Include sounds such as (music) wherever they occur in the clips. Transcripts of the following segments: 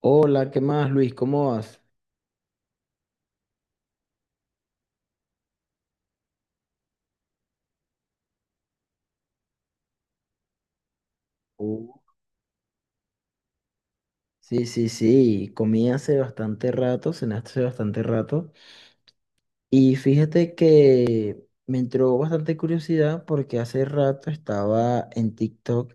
Hola, ¿qué más, Luis? ¿Cómo vas? Uh, Sí, sí, sí, comí hace bastante rato, cené hace bastante rato. Y fíjate que me entró bastante curiosidad porque hace rato estaba en TikTok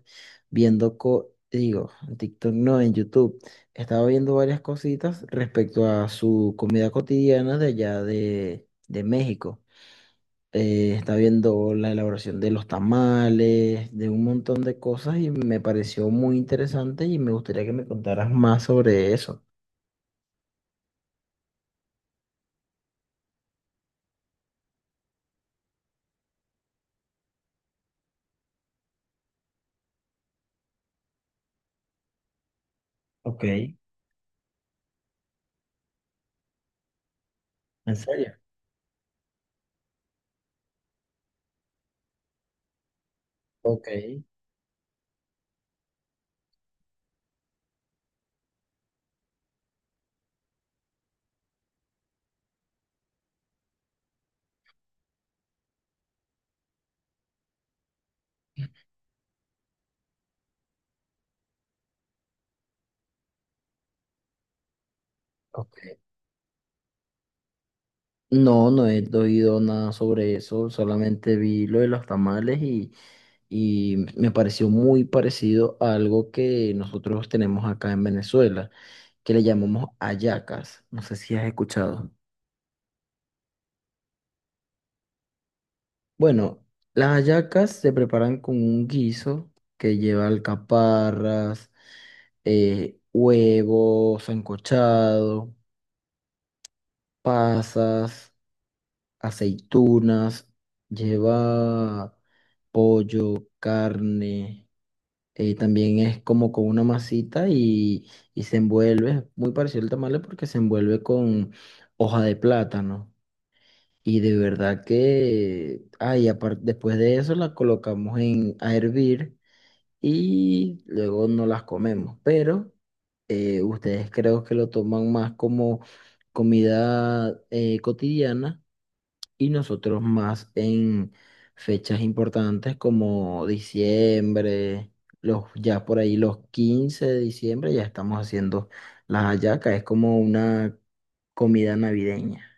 viendo, digo, en TikTok no, en YouTube. Estaba viendo varias cositas respecto a su comida cotidiana de allá de México. Está viendo la elaboración de los tamales, de un montón de cosas y me pareció muy interesante y me gustaría que me contaras más sobre eso. Ok, ¿en serio? Ok, ok. No, no he oído nada sobre eso, solamente vi lo de los tamales y me pareció muy parecido a algo que nosotros tenemos acá en Venezuela, que le llamamos hallacas. No sé si has escuchado. Bueno, las hallacas se preparan con un guiso que lleva alcaparras, huevos sancochado, pasas, aceitunas, lleva pollo, carne, también es como con una masita y se envuelve, muy parecido al tamale porque se envuelve con hoja de plátano. Y de verdad que, ay, aparte, después de eso la colocamos en, a hervir. Y luego no las comemos. Pero ustedes creo que lo toman más como comida cotidiana y nosotros más en fechas importantes como diciembre, los, ya por ahí los 15 de diciembre ya estamos haciendo las hallacas, es como una comida navideña.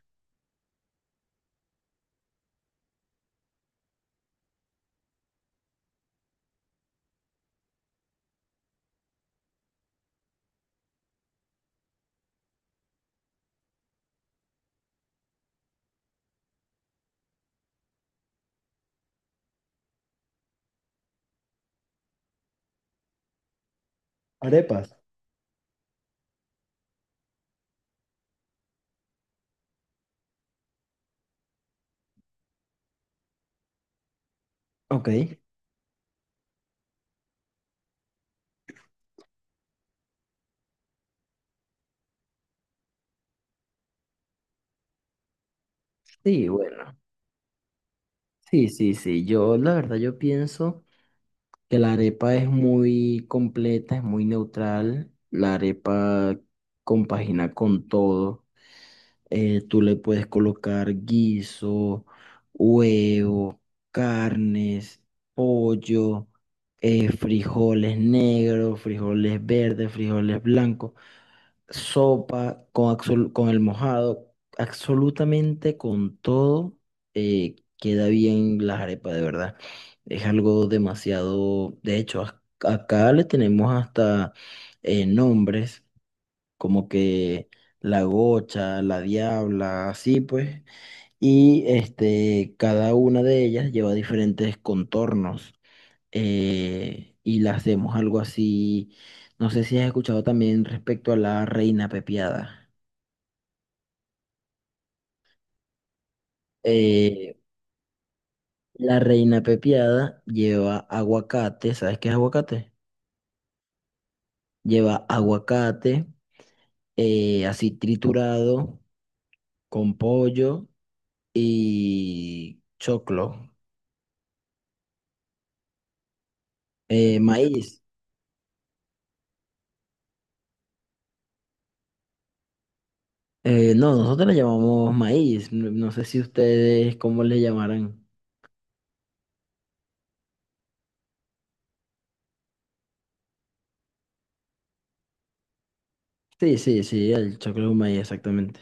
Arepas. Ok, sí, bueno, sí, sí, sí, yo la verdad yo pienso que la arepa es muy completa, es muy neutral, la arepa compagina con todo, tú le puedes colocar guiso, huevo, carnes, pollo, frijoles negros, frijoles verdes, frijoles blancos, sopa con, con el mojado, absolutamente con todo, queda bien las arepas, de verdad. Es algo demasiado, de hecho, acá le tenemos hasta nombres como que la Gocha, la Diabla, así pues, y este, cada una de ellas lleva diferentes contornos, y la hacemos algo así, no sé si has escuchado también respecto a la Reina Pepiada. Eh, la Reina Pepiada lleva aguacate, ¿sabes qué es aguacate? Lleva aguacate así triturado con pollo y choclo, maíz. No, nosotros le llamamos maíz. No, no sé si ustedes cómo le llamarán. Sí, sí, sí, el choclo es un maíz, exactamente.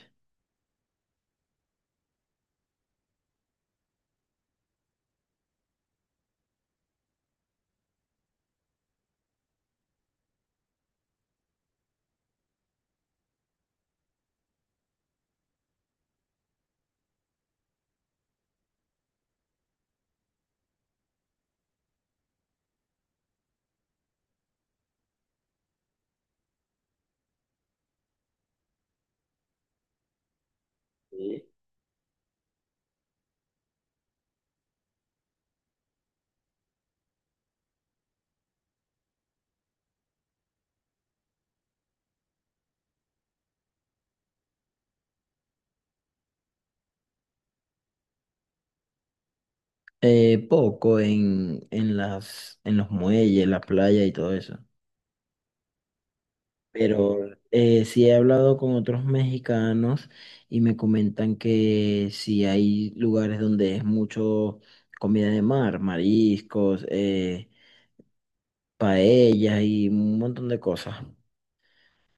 Sí. Poco en las, en los muelles, en la playa y todo eso. Pero sí he hablado con otros mexicanos y me comentan que sí hay lugares donde es mucho comida de mar, mariscos, paellas y un montón de cosas.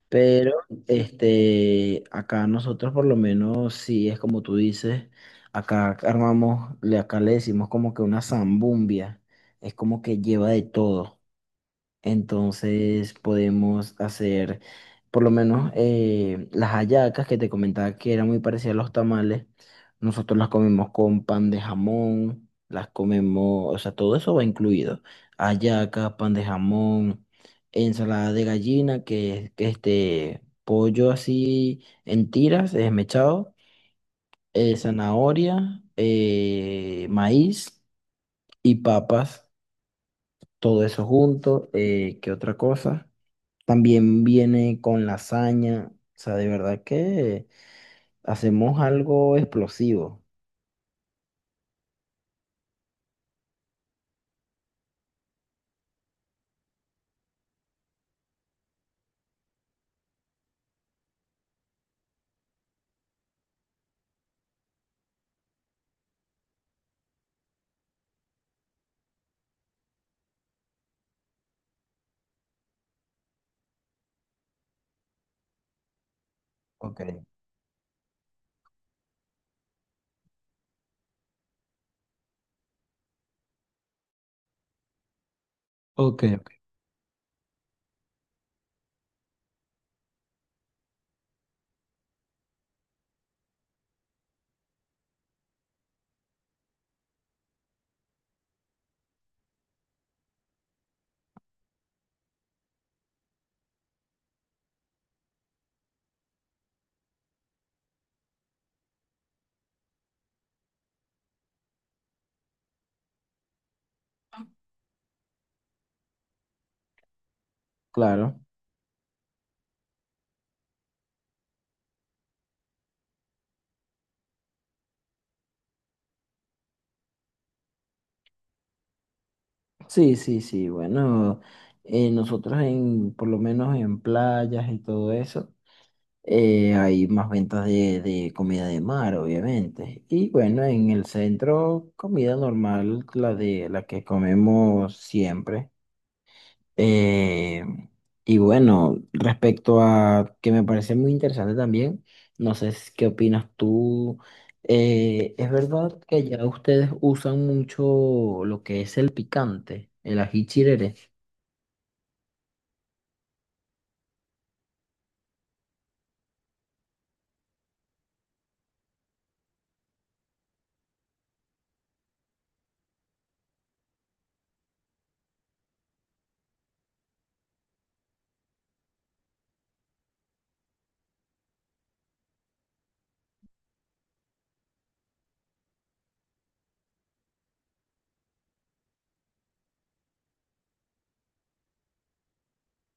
Pero este, acá nosotros por lo menos, si es como tú dices, acá armamos, acá le decimos como que una zambumbia, es como que lleva de todo. Entonces podemos hacer por lo menos las hallacas que te comentaba que eran muy parecidas a los tamales. Nosotros las comemos con pan de jamón, las comemos, o sea, todo eso va incluido. Hallacas, pan de jamón, ensalada de gallina, que es que este pollo así en tiras, desmechado, zanahoria, maíz y papas, todo eso junto. ¿Qué otra cosa? También viene con lasaña. O sea, de verdad que hacemos algo explosivo. Ok, ok, ok. Claro. Sí, sí, sí. Bueno, nosotros en, por lo menos en playas y todo eso, hay más ventas de comida de mar, obviamente. Y bueno, en el centro, comida normal, la de la que comemos siempre. Eh, y bueno, respecto a que me parece muy interesante también, no sé si- qué opinas tú. Es verdad que ya ustedes usan mucho lo que es el picante, el ají chirere.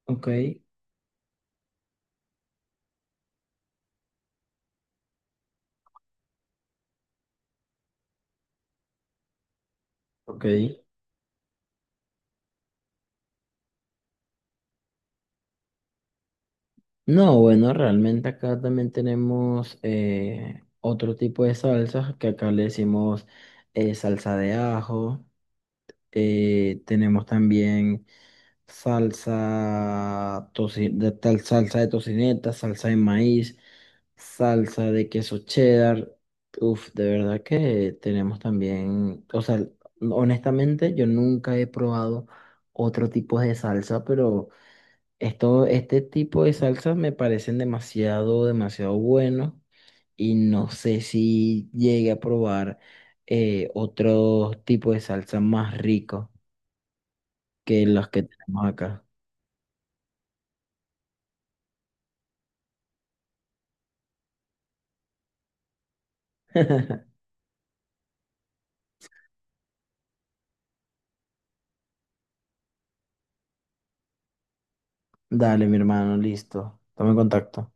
Ok, ok. No, bueno, realmente acá también tenemos otro tipo de salsas que acá le decimos salsa de ajo. Tenemos también. De tal salsa de tocineta, salsa de maíz, salsa de queso cheddar. Uf, de verdad que tenemos también, o sea, honestamente yo nunca he probado otro tipo de salsa, pero esto, este tipo de salsas me parecen demasiado, demasiado buenos y no sé si llegue a probar otro tipo de salsa más rico que los que tenemos acá. (laughs) Dale, mi hermano, listo. Toma en contacto.